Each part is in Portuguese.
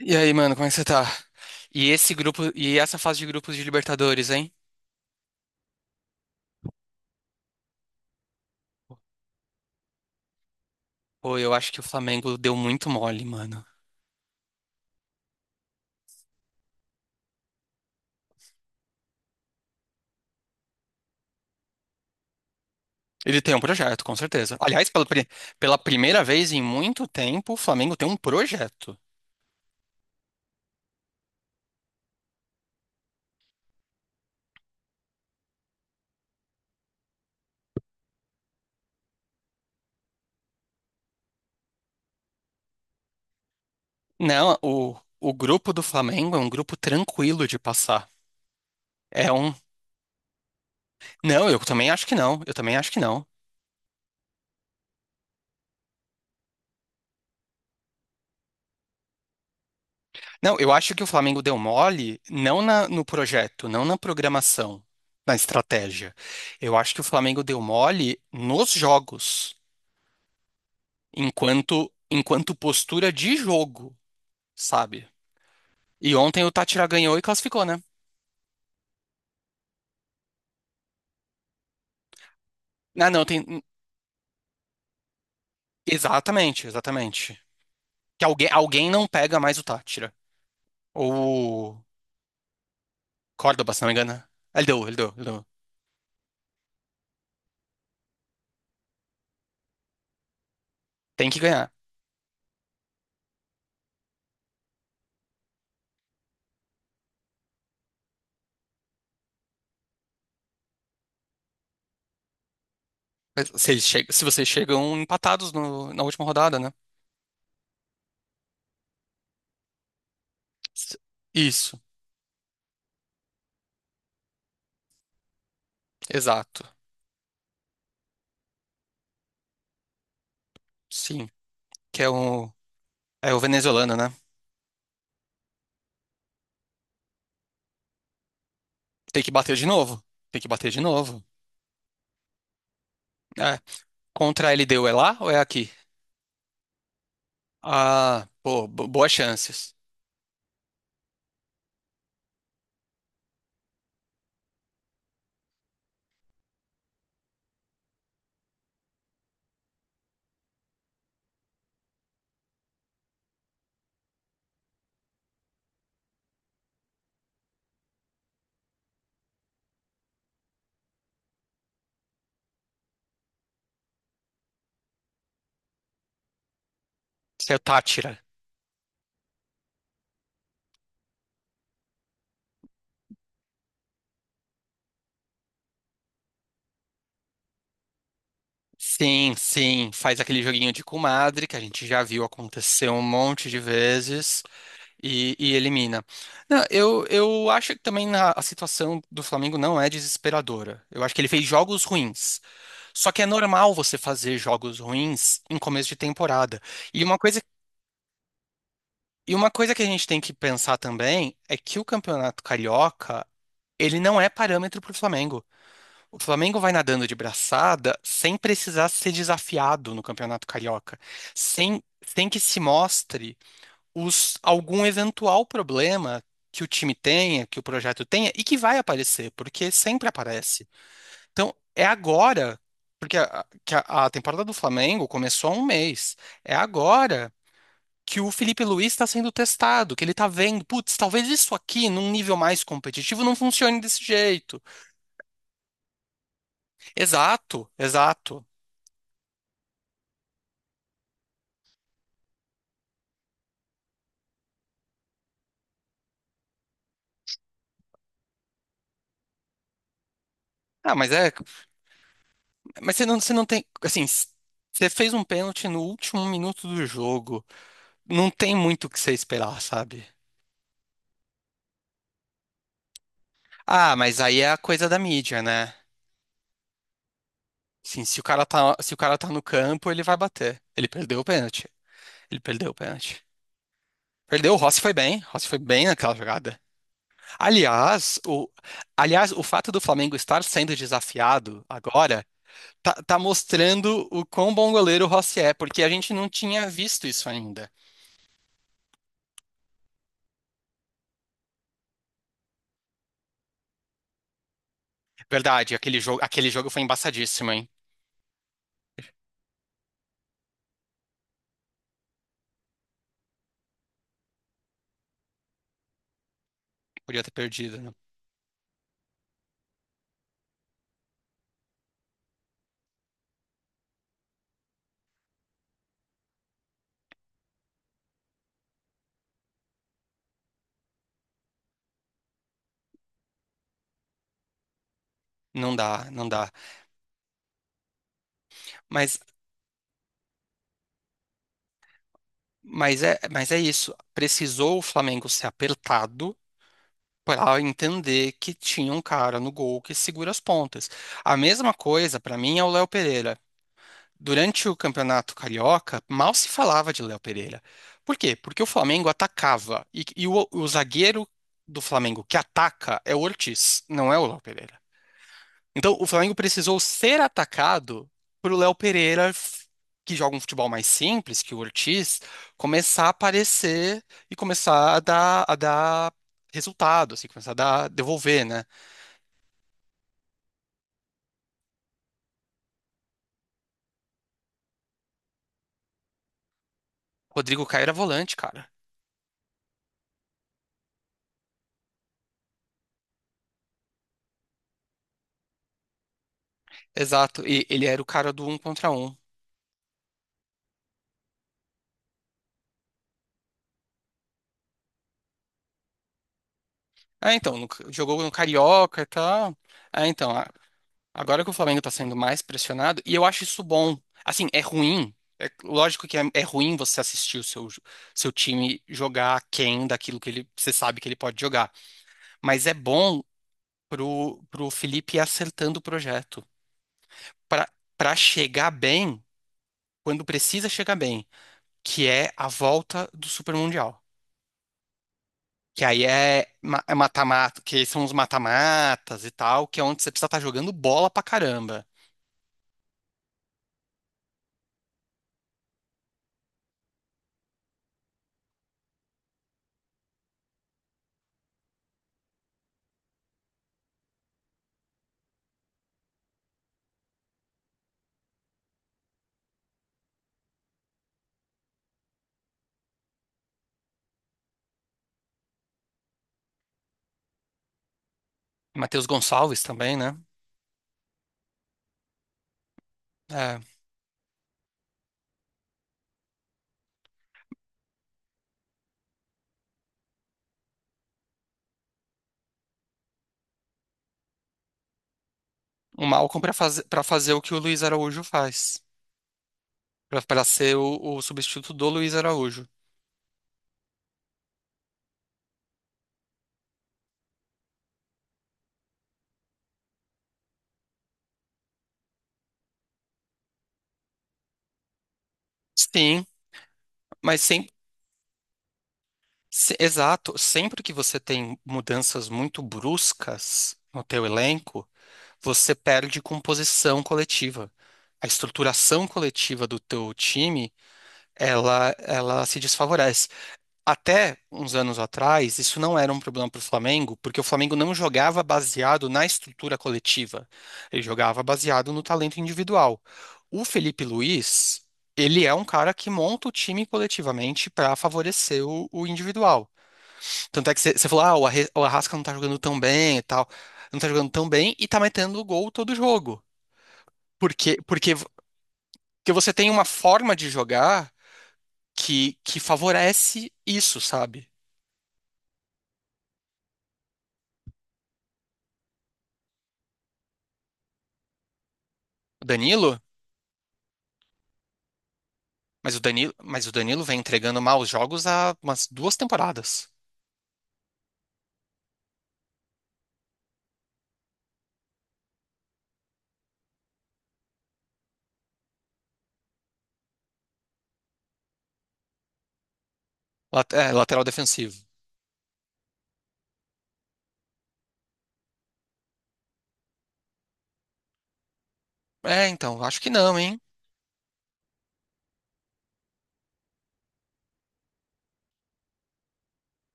E aí, mano, como é que você tá? E esse grupo, e essa fase de grupos de Libertadores, hein? Pô, eu acho que o Flamengo deu muito mole, mano. Ele tem um projeto, com certeza. Aliás, pela primeira vez em muito tempo, o Flamengo tem um projeto. Não, o grupo do Flamengo é um grupo tranquilo de passar. É um. Não, eu também acho que não. Eu também acho que não. Não, eu acho que o Flamengo deu mole, no projeto, não na programação, na estratégia. Eu acho que o Flamengo deu mole nos jogos. Enquanto postura de jogo, sabe? E ontem o Tátira ganhou e classificou, né? Ah, não, tem. Exatamente, exatamente. Que alguém não pega mais o Tátira. Ou o Córdoba, se não me engano, né? Ah, ele deu. Tem que ganhar. Se, se vocês chegam empatados na última rodada, né? S- Isso, exato. Sim. Que é é o venezuelano, né? Tem que bater de novo. Tem que bater de novo. É. Contra a LDU é lá ou é aqui? Ah, pô, boas chances. Seu Tátira. Sim, sim, faz aquele joguinho de comadre que a gente já viu acontecer um monte de vezes e elimina. Não, eu acho que também a situação do Flamengo não é desesperadora. Eu acho que ele fez jogos ruins. Só que é normal você fazer jogos ruins em começo de temporada. E uma coisa, e uma coisa que a gente tem que pensar também é que o Campeonato Carioca, ele não é parâmetro para o Flamengo. O Flamengo vai nadando de braçada sem precisar ser desafiado no Campeonato Carioca, sem que se mostre algum eventual problema que o time tenha, que o projeto tenha e que vai aparecer, porque sempre aparece. Então, porque a temporada do Flamengo começou há um mês, é agora que o Felipe Luiz está sendo testado, que ele está vendo, putz, talvez isso aqui, num nível mais competitivo, não funcione desse jeito. Exato, exato. Ah, mas é, Mas você não tem. Assim, você fez um pênalti no último minuto do jogo. Não tem muito o que você esperar, sabe? Ah, mas aí é a coisa da mídia, né? Assim, se o cara tá no campo, ele vai bater. Ele perdeu o pênalti. Ele perdeu o pênalti. Perdeu, o Rossi foi bem. Rossi foi bem naquela jogada. Aliás, o, aliás, o fato do Flamengo estar sendo desafiado agora tá mostrando o quão bom goleiro o Rossi é, porque a gente não tinha visto isso ainda. Verdade, aquele jogo foi embaçadíssimo, hein? Podia ter perdido, né? Não dá, não dá. Mas, mas é isso. Precisou o Flamengo ser apertado para entender que tinha um cara no gol que segura as pontas. A mesma coisa, para mim, é o Léo Pereira. Durante o Campeonato Carioca, mal se falava de Léo Pereira. Por quê? Porque o Flamengo atacava. O zagueiro do Flamengo que ataca é o Ortiz, não é o Léo Pereira. Então, o Flamengo precisou ser atacado pro Léo Pereira, que joga um futebol mais simples, que o Ortiz, começar a aparecer e começar a dar resultado, assim, começar a dar, devolver, né? Rodrigo Caio era volante, cara. Exato. E ele era o cara do um contra um. Ah, então, jogou no Carioca e tal. Ah, então. Agora que o Flamengo tá sendo mais pressionado, e eu acho isso bom. Assim, é ruim. É, lógico que é ruim você assistir o seu, seu time jogar aquém daquilo que ele, você sabe que ele pode jogar. Mas é bom pro Felipe ir acertando o projeto. Pra, pra chegar bem, quando precisa chegar bem, que é a volta do Super Mundial. Que aí é é mata-mata, que são os mata-matas e tal, que é onde você precisa estar jogando bola pra caramba. Matheus Gonçalves também, né? É. O Malcom para fazer o que o Luiz Araújo faz, para ser o substituto do Luiz Araújo. Sim, mas sem, se- exato, sempre que você tem mudanças muito bruscas no teu elenco, você perde composição coletiva. A estruturação coletiva do teu time, ela se desfavorece. Até uns anos atrás, isso não era um problema para o Flamengo, porque o Flamengo não jogava baseado na estrutura coletiva. Ele jogava baseado no talento individual. O Felipe Luiz, ele é um cara que monta o time coletivamente para favorecer o individual. Tanto é que você falou, ah, o Arrasca não tá jogando tão bem e tal. Não tá jogando tão bem e tá metendo gol todo jogo. Porque você tem uma forma de jogar que favorece isso, sabe? O Danilo. Mas o Danilo vem entregando maus jogos há umas duas temporadas. É, lateral defensivo. É, então, acho que não, hein?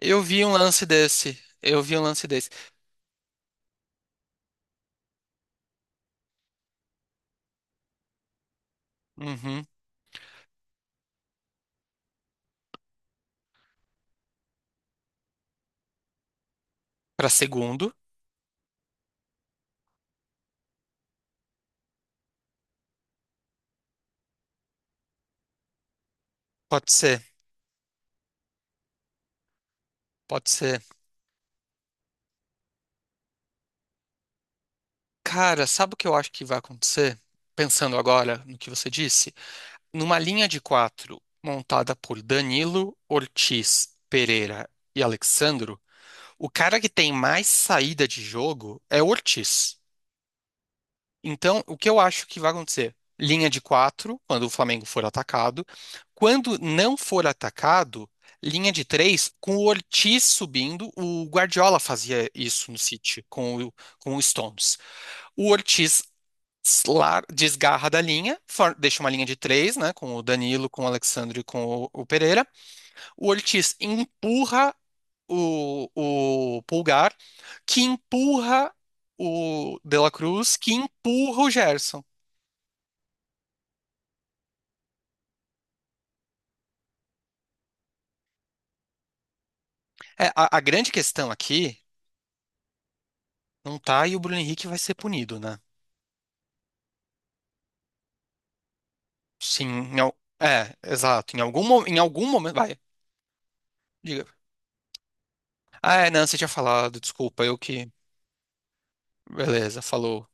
Eu vi um lance desse. Eu vi um lance desse. Uhum. Para segundo. Pode ser, pode ser. Cara, sabe o que eu acho que vai acontecer? Pensando agora no que você disse, numa linha de quatro montada por Danilo, Ortiz, Pereira e Alexandro, o cara que tem mais saída de jogo é o Ortiz. Então, o que eu acho que vai acontecer? Linha de quatro, quando o Flamengo for atacado. Quando não for atacado, linha de três, com o Ortiz subindo. O Guardiola fazia isso no City, com o Stones. O Ortiz desgarra da linha, deixa uma linha de três, né? Com o Danilo, com o Alexandre e com o Pereira. O Ortiz empurra o, o Pulgar, que empurra o De La Cruz, que empurra o Gerson. É, a grande questão aqui não tá e o Bruno Henrique vai ser punido, né? Sim, exato. Em algum momento. Vai, diga. Ah, é, não, você tinha falado, desculpa, eu que. Beleza, falou.